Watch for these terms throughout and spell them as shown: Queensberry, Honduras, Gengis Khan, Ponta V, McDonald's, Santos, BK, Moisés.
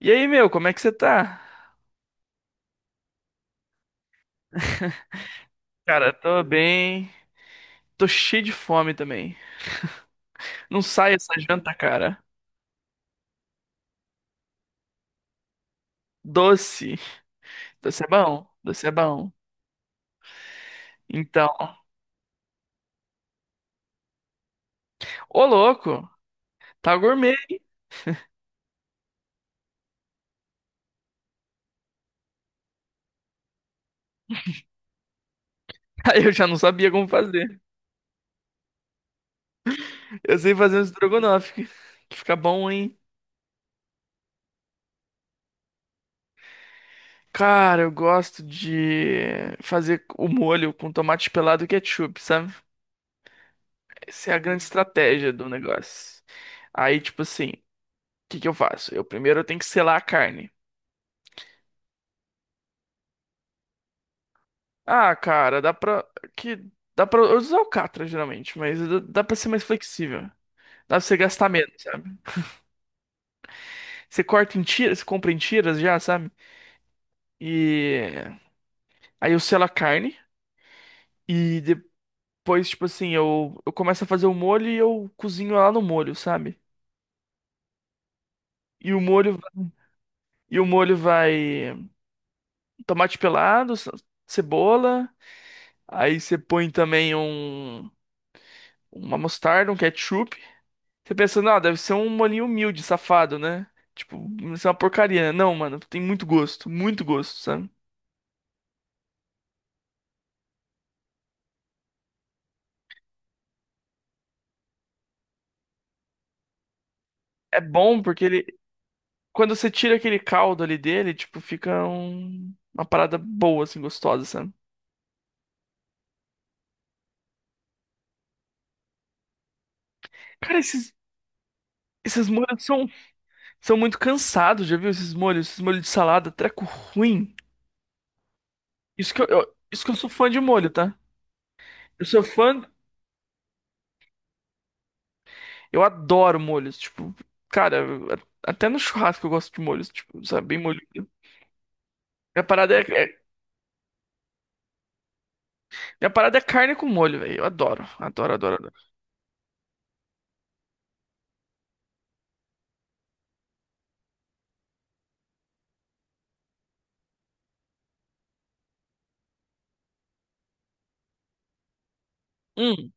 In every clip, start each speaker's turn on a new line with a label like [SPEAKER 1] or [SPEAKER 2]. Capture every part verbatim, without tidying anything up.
[SPEAKER 1] E aí, meu, como é que você tá? Cara, tô bem. Tô cheio de fome também. Não sai essa janta, cara. Doce. Doce é bom. Doce é bom. Então, ô louco, tá gourmet. Aí eu já não sabia como fazer. Eu sei fazer um estrogonofe, que que fica bom, hein? Cara, eu gosto de fazer o molho com tomate pelado e ketchup, sabe? Essa é a grande estratégia do negócio. Aí, tipo assim, o que que eu faço? Eu primeiro eu tenho que selar a carne. Ah, cara, dá pra. Que dá pra. Eu uso Alcatra geralmente, mas dá dá pra ser mais flexível. Dá pra você gastar menos, sabe? Você corta em tiras, você compra em tiras já, sabe? E aí eu selo a carne e depois, tipo assim, eu, eu começo a fazer o molho e eu cozinho lá no molho, sabe? E o molho e o molho vai tomate pelado, ce- cebola, aí você põe também um uma mostarda, um ketchup. Você pensa, não, deve ser um molinho humilde, safado, né? Tipo, isso é uma porcaria. Não, mano, tem muito gosto, muito gosto, sabe? É bom porque ele, quando você tira aquele caldo ali dele, tipo, fica um- uma parada boa, assim, gostosa, sabe? Cara, esses, esses molhos são, são muito cansados, já viu esses molhos? Esses molhos de salada, treco ruim. Isso que eu, eu- isso que eu sou fã de molho, tá? Eu sou fã, eu adoro molhos, tipo, cara, eu- até no churrasco eu gosto de molhos, tipo, sabe, bem molho. A parada é, é Minha parada é carne com molho, velho. Eu adoro, adoro, adoro, adoro. Hum,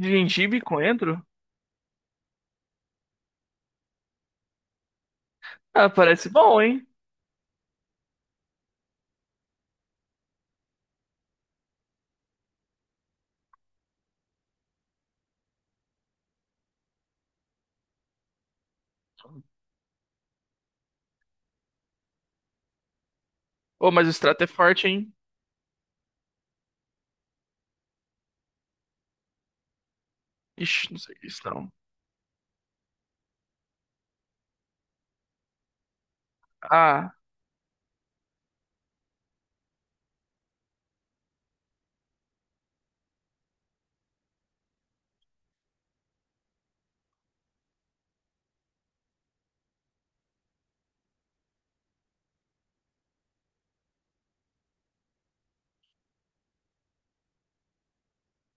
[SPEAKER 1] Gengibre com coentro? Ah, parece bom, hein? Ô, mas o extrato é forte, hein? Ixi, não sei disso, não. Ah,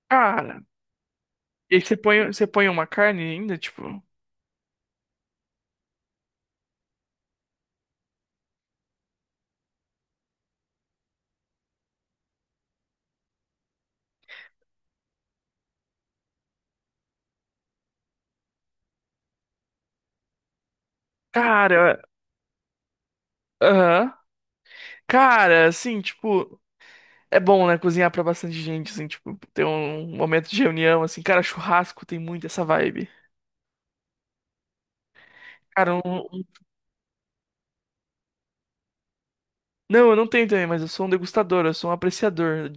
[SPEAKER 1] cara. E aí você põe, você põe uma carne ainda, tipo. Cara, aham. Cara, assim, tipo. É bom, né? Cozinhar pra bastante gente, assim, tipo. Ter um momento de reunião, assim. Cara, churrasco tem muito essa vibe. Cara, um... um- não, eu não tenho também, mas eu sou um degustador, eu sou um apreciador.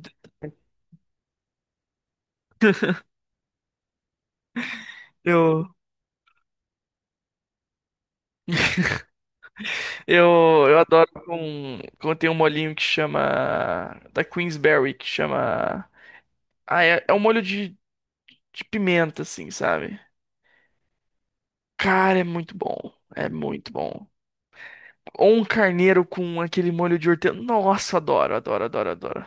[SPEAKER 1] Eu... Eu, eu adoro com, quando tem um molhinho que chama. Da Queensberry, que chama. Ah, é, é um molho de, de pimenta, assim, sabe? Cara, é muito bom. É muito bom. Ou um carneiro com aquele molho de hortelã. Nossa, adoro, adoro, adoro, adoro.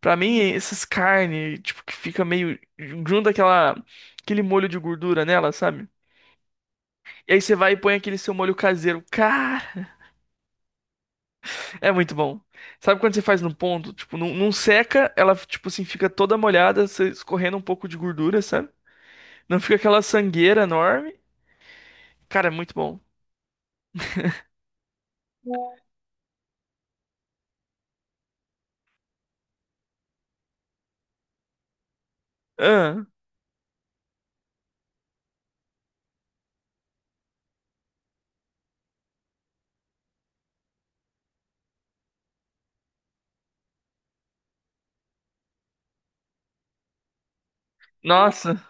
[SPEAKER 1] Pra mim, essas carnes, tipo, que fica meio. Junta aquela, aquele molho de gordura nela, sabe? E aí você vai e põe aquele seu molho caseiro. Cara. É muito bom. Sabe quando você faz no ponto? Tipo, não, não seca, ela, tipo assim, fica toda molhada, você escorrendo um pouco de gordura, sabe? Não fica aquela sangueira enorme. Cara, é muito bom. Ah, nossa,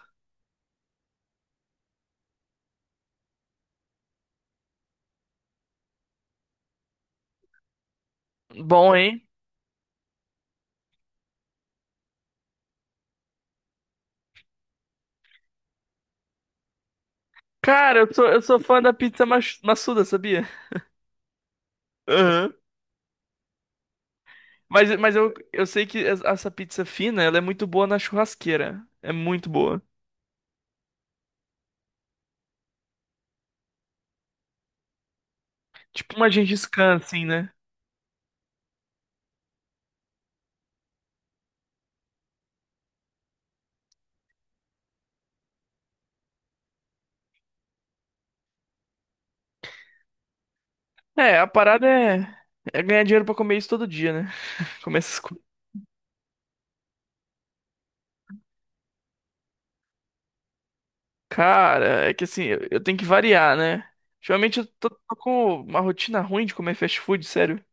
[SPEAKER 1] bom, hein? Cara, eu sou, eu sou fã da pizza mach- maçuda, sabia? Aham. Mas, mas eu, eu sei que es- essa pizza fina, ela é muito boa na churrasqueira. É muito boa. Tipo uma Gengis Khan, assim, né? É, a parada é, é ganhar dinheiro pra comer isso todo dia, né? Comer essas. Cara, é que assim, eu eu tenho que variar, né? Geralmente eu tô, tô com uma rotina ruim de comer fast food, sério.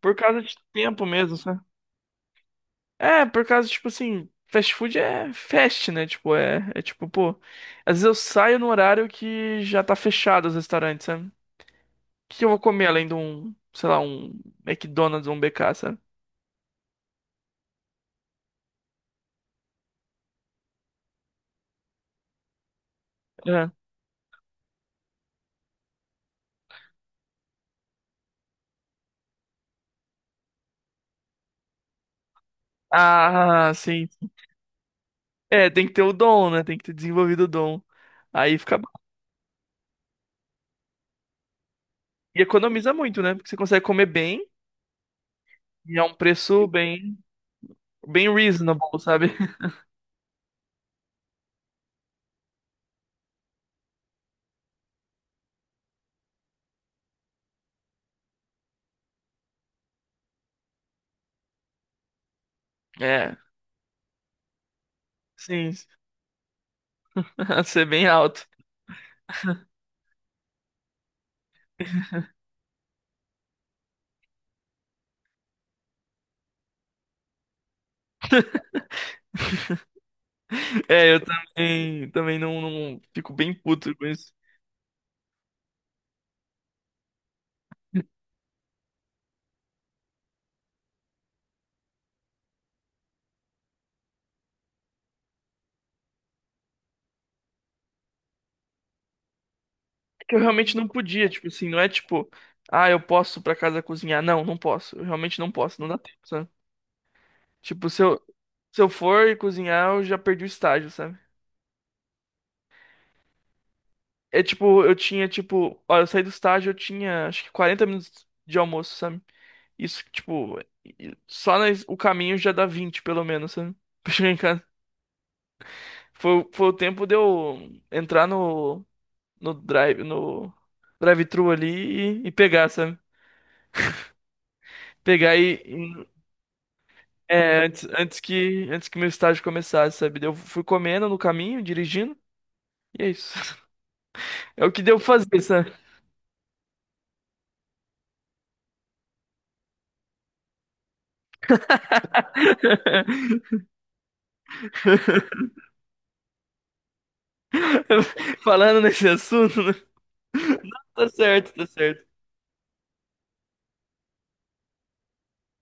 [SPEAKER 1] Por causa de tempo mesmo, sabe? É, por causa, tipo assim, fast food é fast, né? Tipo, é, é tipo, pô. Às vezes eu saio no horário que já tá fechado os restaurantes, sabe? O que que eu vou comer além de um, sei lá, um McDonald's ou um B K, sabe? É. Ah, sim. É, tem que ter o dom, né? Tem que ter desenvolvido o dom. Aí fica bom. E economiza muito, né? Porque você consegue comer bem. E é um preço bem, bem reasonable, sabe? É, sim, ser bem alto. É, eu também, também não, não fico bem puto com isso. É que eu realmente não podia, tipo assim, não é tipo, ah, eu posso pra casa cozinhar. Não, não posso. Eu realmente não posso, não dá tempo, sabe? Tipo, se eu, se eu for cozinhar, eu já perdi o estágio, sabe? É tipo, eu tinha, tipo, olha, eu saí do estágio, eu tinha acho que quarenta minutos de almoço, sabe? Isso, tipo, e- só na- o caminho já dá vinte pelo menos, sabe? Pra chegar em casa. Foi, o- foi o tempo de eu entrar no, no, drive, no drive-thru ali e, e pegar, sabe? Pegar e, e- é, antes, antes que antes que meu estágio começasse, sabe? Eu fui comendo no caminho, dirigindo, e é isso. É o que deu pra fazer, sabe? Falando nesse assunto, né? Não, tá certo, tá certo.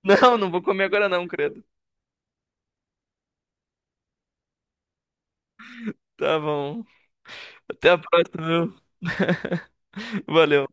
[SPEAKER 1] Não, não vou comer agora não, credo. Tá bom. Até a próxima, viu? Valeu.